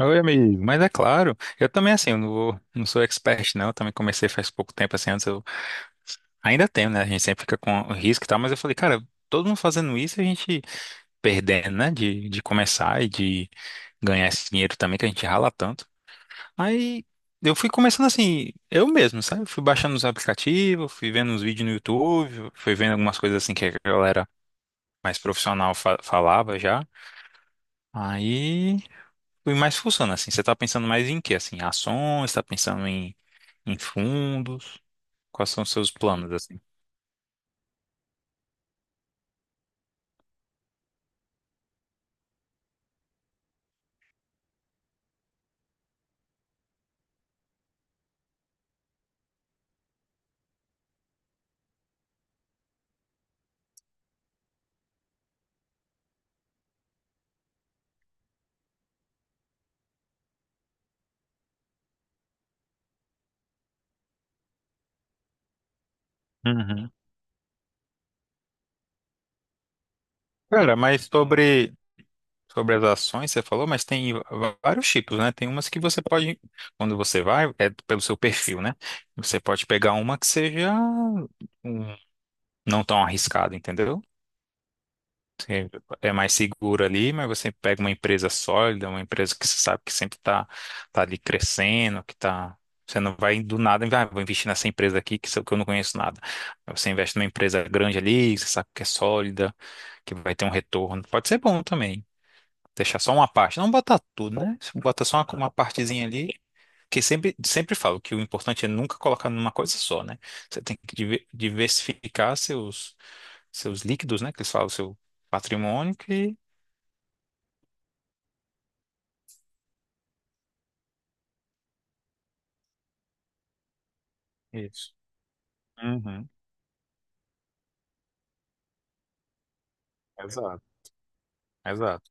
Oi, amigo. Mas é claro, eu também, assim, eu não, vou- não sou expert, não. Eu também comecei faz pouco tempo, assim, antes eu ainda tenho, né? A gente sempre fica com o risco e tal, mas eu falei, cara, todo mundo fazendo isso, a gente perdendo, né? De começar e de ganhar esse dinheiro também, que a gente rala tanto. Aí eu fui começando assim, eu mesmo, sabe? Fui baixando os aplicativos, fui vendo uns vídeos no YouTube, fui vendo algumas coisas assim que a galera mais profissional falava já. Aí. E mais funciona assim? Você tá pensando mais em quê? Assim, ações? Tá pensando em, em fundos? Quais são os seus planos, assim? Uhum. Cara, mas sobre as ações, você falou, mas tem vários tipos, né? Tem umas que você pode, quando você vai, é pelo seu perfil, né? Você pode pegar uma que seja um- não tão arriscada, entendeu? É mais seguro ali, mas você pega uma empresa sólida, uma empresa que você sabe que sempre está tá tá ali crescendo, que tá. Você não vai do nada, ah, vou investir nessa empresa aqui que, que eu não conheço nada. Você investe numa empresa grande ali, que você sabe que é sólida, que vai ter um retorno. Pode ser bom também. Deixar só uma parte. Não botar tudo, né? Você bota só uma partezinha ali. Que sempre falo que o importante é nunca colocar numa coisa só, né? Você tem que diversificar seus, seus líquidos, né? Que eles falam, seu patrimônio, que Isso. Uhum. Exato, exato.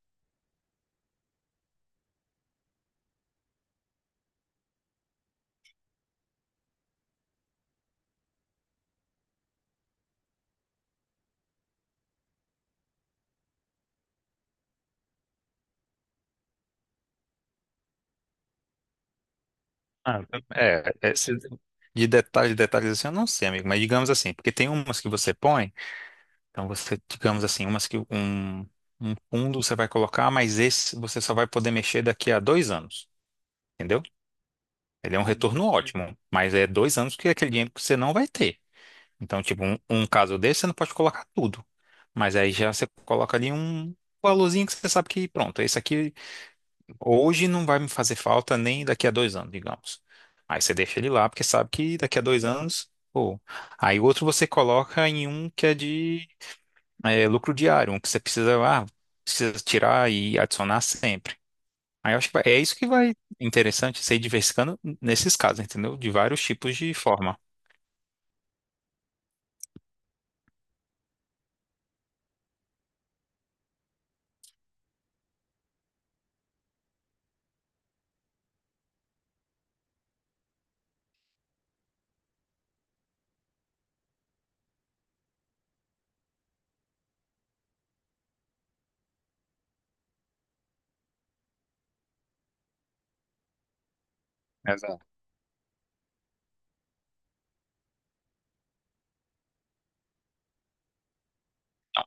Ah, é, é, se- de detalhes assim, eu não sei, amigo, mas digamos assim, porque tem umas que você põe, então você, digamos assim, umas que um fundo você vai colocar, mas esse você só vai poder mexer daqui a dois anos, entendeu? Ele é um retorno ótimo, mas é dois anos que é aquele dinheiro que você não vai ter. Então, tipo, um caso desse, você não pode colocar tudo, mas aí já você coloca ali um valorzinho que você sabe que, pronto, esse aqui hoje não vai me fazer falta nem daqui a dois anos, digamos. Aí você deixa ele lá, porque sabe que daqui a dois anos. Pô. Aí o outro você coloca em um que é de é, lucro diário, um que você precisa, ah, precisa tirar e adicionar sempre. Aí eu acho que é isso que vai interessante, você ir diversificando nesses casos, entendeu? De vários tipos de forma. Exato.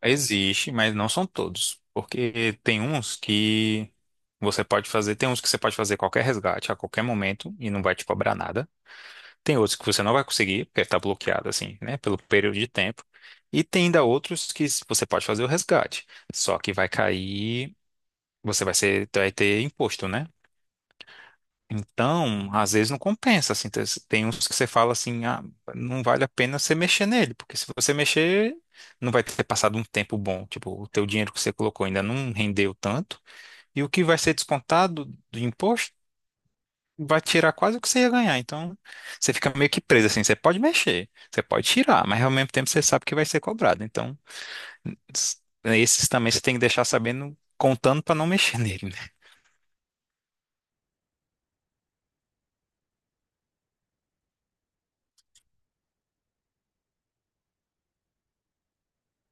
Existe, mas não são todos. Porque tem uns que você pode fazer, tem uns que você pode fazer qualquer resgate a qualquer momento e não vai te cobrar nada. Tem outros que você não vai conseguir, porque está bloqueado, assim, né, pelo período de tempo. E tem ainda outros que você pode fazer o resgate. Só que vai cair, vai ter imposto, né? Então, às vezes não compensa, assim. Tem uns que você fala assim, ah, não vale a pena você mexer nele, porque se você mexer, não vai ter passado um tempo bom. Tipo, o teu dinheiro que você colocou ainda não rendeu tanto, e o que vai ser descontado do imposto vai tirar quase o que você ia ganhar. Então, você fica meio que preso assim. Você pode mexer, você pode tirar, mas ao mesmo tempo você sabe que vai ser cobrado. Então, s- esses também você tem que deixar sabendo, contando para não mexer nele, né?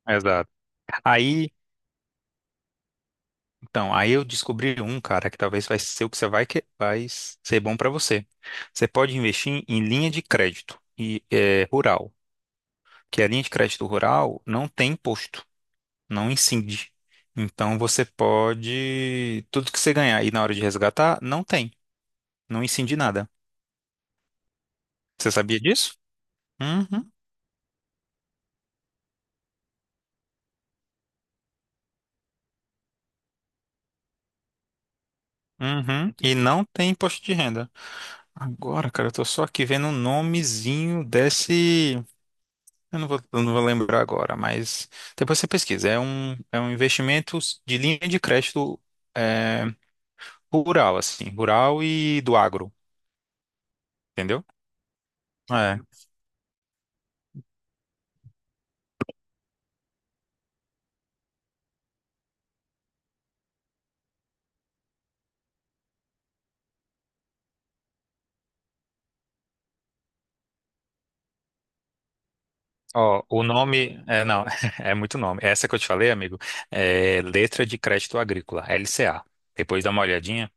Exato. Aí, então, aí eu descobri um, cara, que talvez vai ser o que você vai que vai ser bom para você. Você pode investir em linha de crédito e eh, rural, que a linha de crédito rural não tem imposto. Não incide. Então você pode. Tudo que você ganhar e na hora de resgatar, não tem. Não incide nada. Você sabia disso? Uhum. Uhum. E não tem imposto de renda. Agora, cara, eu tô só aqui vendo o nomezinho desse. Eu não vou lembrar agora, mas depois você pesquisa. É um investimento de linha de crédito é, rural, assim, rural e do agro, entendeu? É. Ó, o nome, é, não, é muito nome. Essa que eu te falei, amigo, é Letra de Crédito Agrícola, LCA. Depois dá uma olhadinha.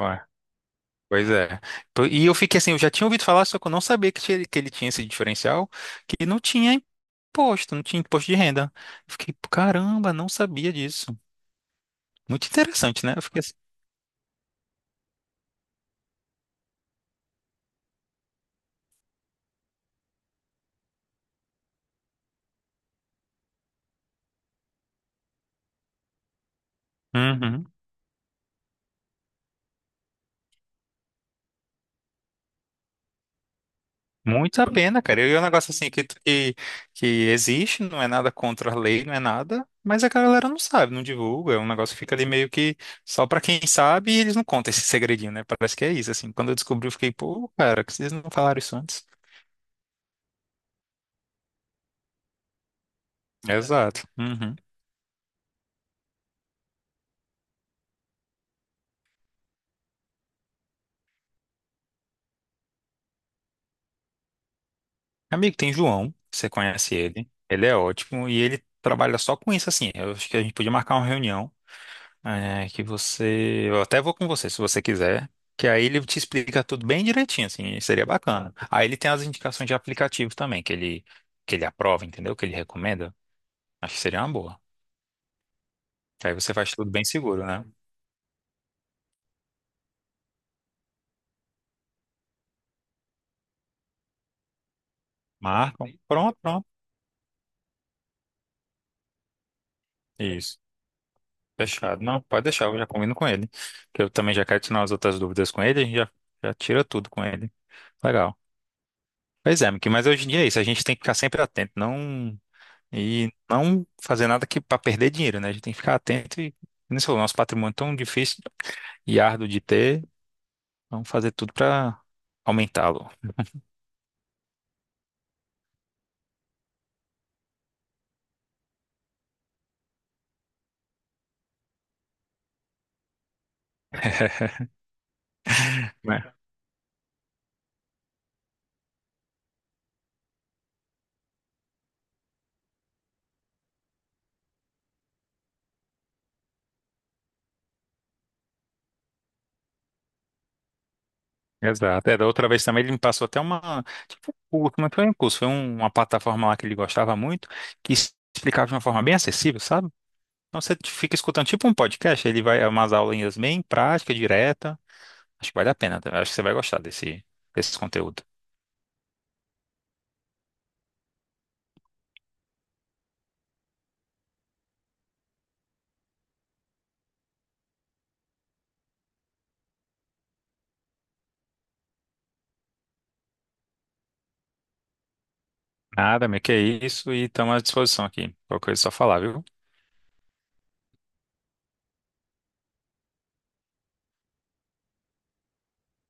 Ué. Pois é. E eu fiquei assim, eu já tinha ouvido falar, só que eu não sabia que, que ele tinha esse diferencial, que não tinha imposto, não tinha imposto de renda. Eu fiquei, caramba, não sabia disso. Muito interessante, né? Eu fiquei assim. "Uhum." Muito a pena, cara. E é um negócio assim que existe, não é nada contra a lei, não é nada, mas a galera não sabe, não divulga. É um negócio que fica ali meio que só pra quem sabe e eles não contam esse segredinho, né? Parece que é isso, assim. Quando eu descobri, eu fiquei, pô, cara, que vocês não falaram isso antes? Exato. Uhum. Amigo, tem João, você conhece ele. Ele é ótimo e ele trabalha só com isso, assim. Eu acho que a gente podia marcar uma reunião. É, que você. Eu até vou com você, se você quiser. Que aí ele te explica tudo bem direitinho, assim, seria bacana. Aí ele tem as indicações de aplicativo também, que ele aprova, entendeu? Que ele recomenda. Acho que seria uma boa. Que aí você faz tudo bem seguro, né? Marcam. Pronto. Isso. Fechado. Não, pode deixar, eu já combino com ele. Que eu também já quero tirar as outras dúvidas com ele, já tira tudo com ele. Legal. Pois é, Miki, mas hoje em dia é isso, a gente tem que ficar sempre atento, não. E não fazer nada que para perder dinheiro, né? A gente tem que ficar atento e, como você falou, nosso patrimônio é tão difícil e árduo de ter, vamos fazer tudo para aumentá-lo, né? Exato. É, da outra vez também ele me passou até uma, tipo, um curso, mas foi um curso, uma plataforma lá que ele gostava muito, que explicava de uma forma bem acessível, sabe? Então você fica escutando tipo um podcast, ele vai umas aulinhas bem práticas, direta, acho que vale a pena. Acho que você vai gostar desse conteúdo. Nada, meu, que é isso. E estamos à disposição aqui. Qualquer coisa é só falar, viu?